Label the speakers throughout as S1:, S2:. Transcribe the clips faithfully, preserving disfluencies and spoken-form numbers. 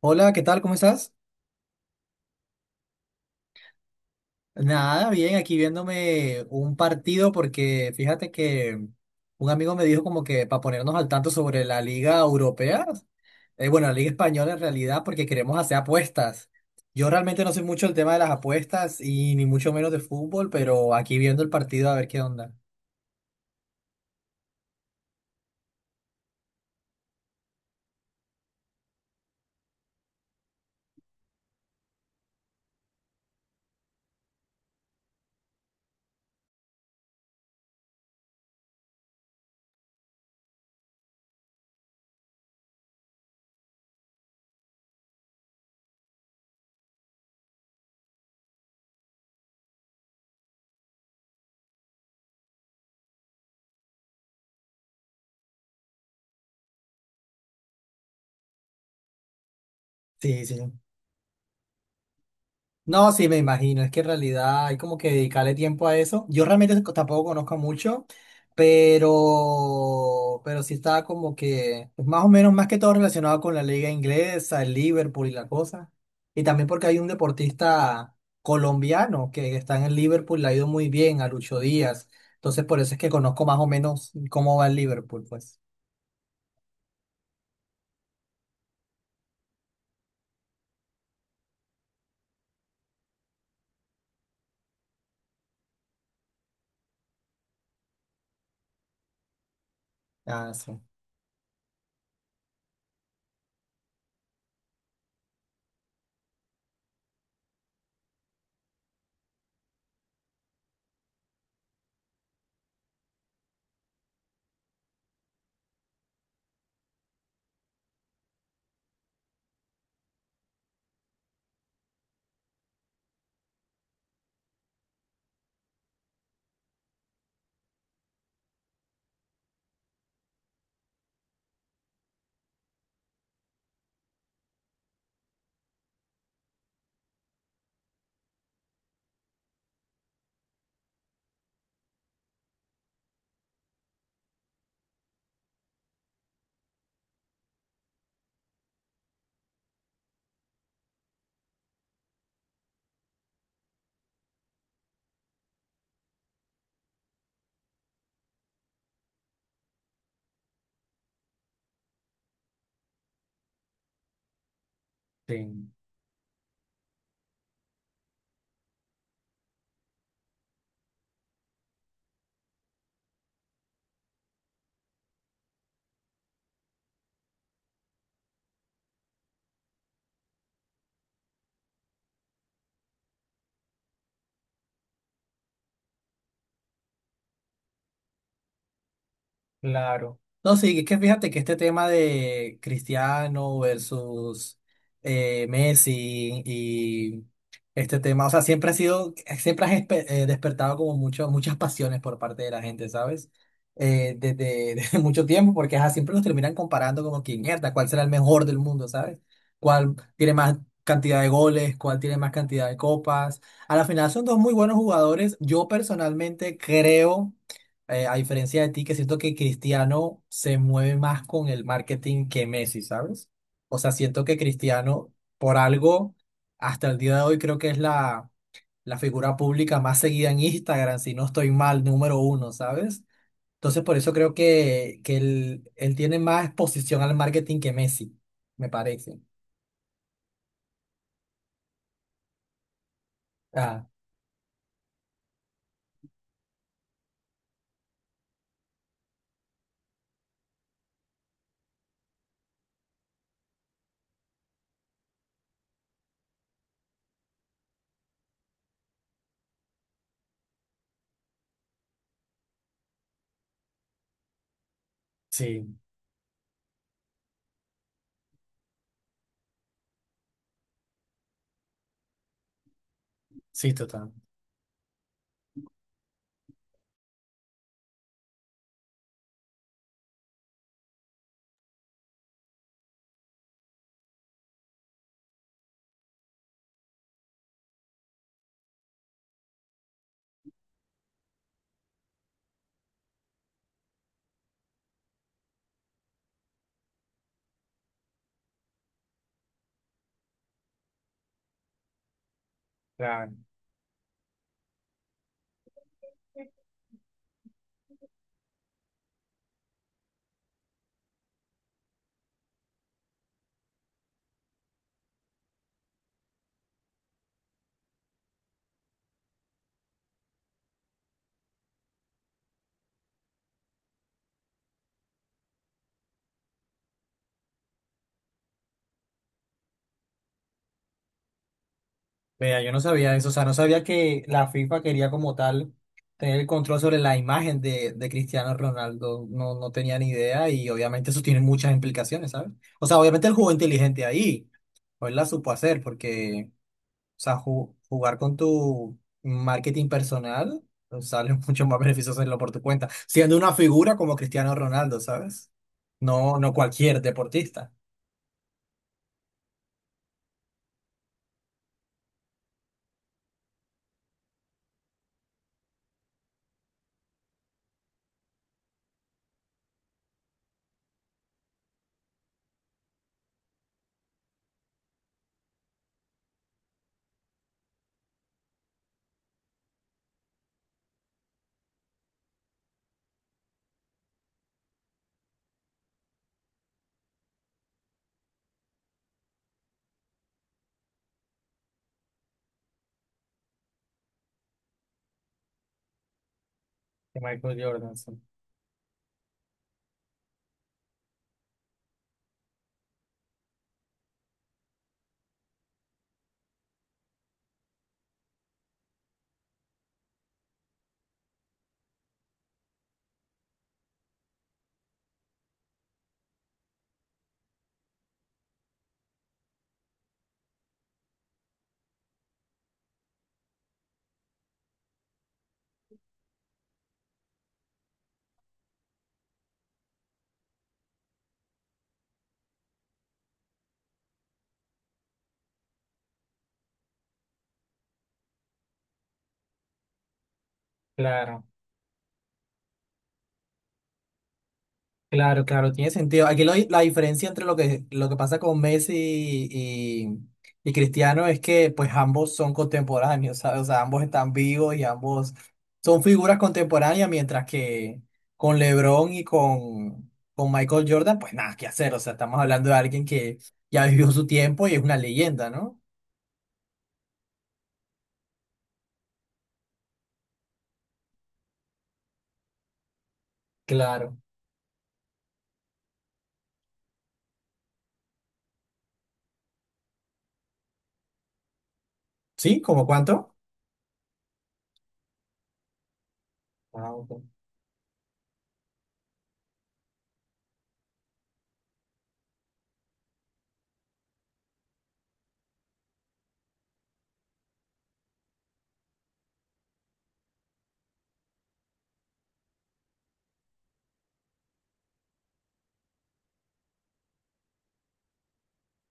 S1: Hola, ¿qué tal? ¿Cómo estás? Nada, bien, aquí viéndome un partido porque fíjate que un amigo me dijo como que para ponernos al tanto sobre la Liga Europea, eh, bueno, la Liga Española en realidad porque queremos hacer apuestas. Yo realmente no sé mucho el tema de las apuestas y ni mucho menos de fútbol, pero aquí viendo el partido a ver qué onda. Sí, sí. No, sí, me imagino. Es que en realidad hay como que dedicarle tiempo a eso. Yo realmente co- tampoco conozco mucho, pero, pero sí está como que pues, más o menos, más que todo relacionado con la liga inglesa, el Liverpool y la cosa. Y también porque hay un deportista colombiano que está en el Liverpool, le ha ido muy bien a Lucho Díaz. Entonces, por eso es que conozco más o menos cómo va el Liverpool, pues. Ah, sí. Sí. Claro. No, sí, es que fíjate que este tema de Cristiano versus eh, Messi y este tema, o sea, siempre ha sido, siempre has espe- eh, despertado como mucho, muchas pasiones por parte de la gente, ¿sabes? Eh, desde, desde mucho tiempo, porque ajá, siempre los terminan comparando como que mierda, ¿cuál será el mejor del mundo, ¿sabes? ¿Cuál tiene más cantidad de goles? ¿Cuál tiene más cantidad de copas? A la final son dos muy buenos jugadores. Yo personalmente creo eh, a diferencia de ti, que siento que Cristiano se mueve más con el marketing que Messi, ¿sabes? O sea, siento que Cristiano, por algo, hasta el día de hoy creo que es la, la figura pública más seguida en Instagram, si no estoy mal, número uno, ¿sabes? Entonces, por eso creo que, que él, él tiene más exposición al marketing que Messi, me parece. Ah, sí, sí, total. Claro. Vea, yo no sabía eso, o sea, no sabía que la F I F A quería como tal tener el control sobre la imagen de, de Cristiano Ronaldo, no, no tenía ni idea y obviamente eso tiene muchas implicaciones, ¿sabes? O sea, obviamente él jugó inteligente ahí, o él la supo hacer, porque, o sea, ju- jugar con tu marketing personal pues, sale mucho más beneficioso hacerlo por tu cuenta, siendo una figura como Cristiano Ronaldo, ¿sabes? No, no cualquier deportista. De Michael Jordan, sí. Claro, claro, claro, tiene sentido. Aquí lo- la diferencia entre lo que, lo que pasa con Messi y, y, y Cristiano es que pues ambos son contemporáneos, ¿sabes? O sea, ambos están vivos y ambos son figuras contemporáneas, mientras que con LeBron y con, con Michael Jordan, pues nada, que hacer? O sea, estamos hablando de alguien que ya vivió su tiempo y es una leyenda, ¿no? Claro. ¿Sí? ¿Cómo cuánto? Ah, ok.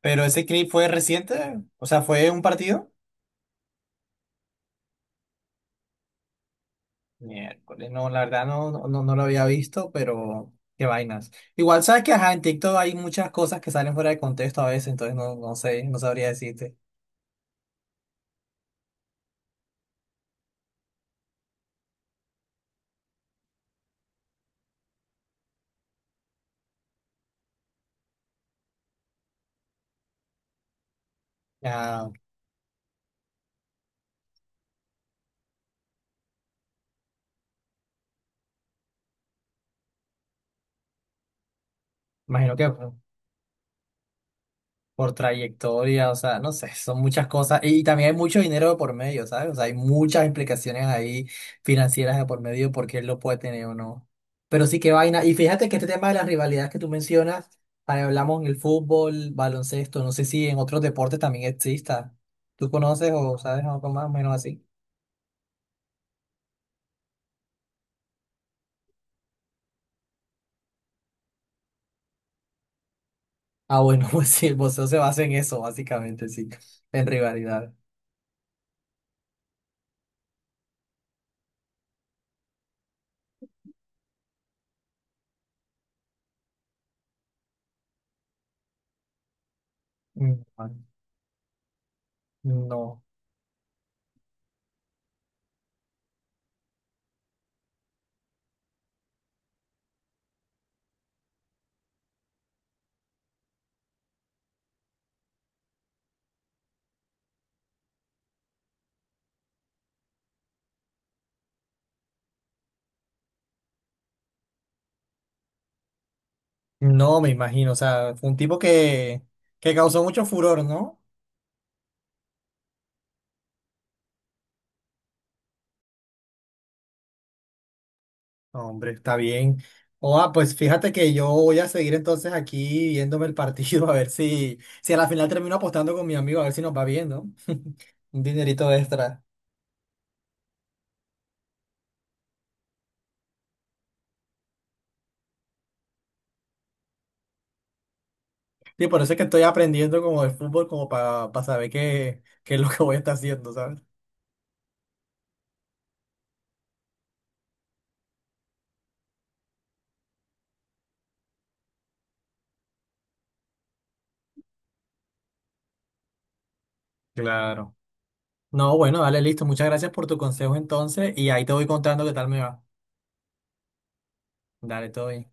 S1: Pero ese clip fue reciente, o sea, fue un partido. Miércoles, no, la verdad no, no, no no lo había visto, pero qué vainas. Igual sabes que ajá, en tik tok hay muchas cosas que salen fuera de contexto a veces, entonces no, no sé, no sabría decirte. Ah, imagino que por trayectoria, o sea, no sé, son muchas cosas. Y también hay mucho dinero de por medio, ¿sabes? O sea, hay muchas implicaciones ahí financieras de por medio porque él lo puede tener o no. Pero sí, que vaina. Y fíjate que este tema de las rivalidades que tú mencionas, ahí hablamos en el fútbol, baloncesto, no sé si en otros deportes también exista. ¿Tú conoces o sabes algo más o menos así? Ah, bueno, pues sí, el boxeo se basa en eso, básicamente, sí, en rivalidad. Mm. No. No, me imagino, o sea, fue un tipo que, que causó mucho furor, ¿no? Hombre, está bien. O, ah, pues fíjate que yo voy a seguir entonces aquí viéndome el partido, a ver si, si a la final termino apostando con mi amigo, a ver si nos va bien, ¿no? Un dinerito extra. Sí, por eso es que estoy aprendiendo como de fútbol, como para saber qué, qué es lo que voy a estar haciendo, ¿sabes? Claro. No, bueno, dale, listo. Muchas gracias por tu consejo entonces y ahí te voy contando qué tal me va. Dale, todo bien.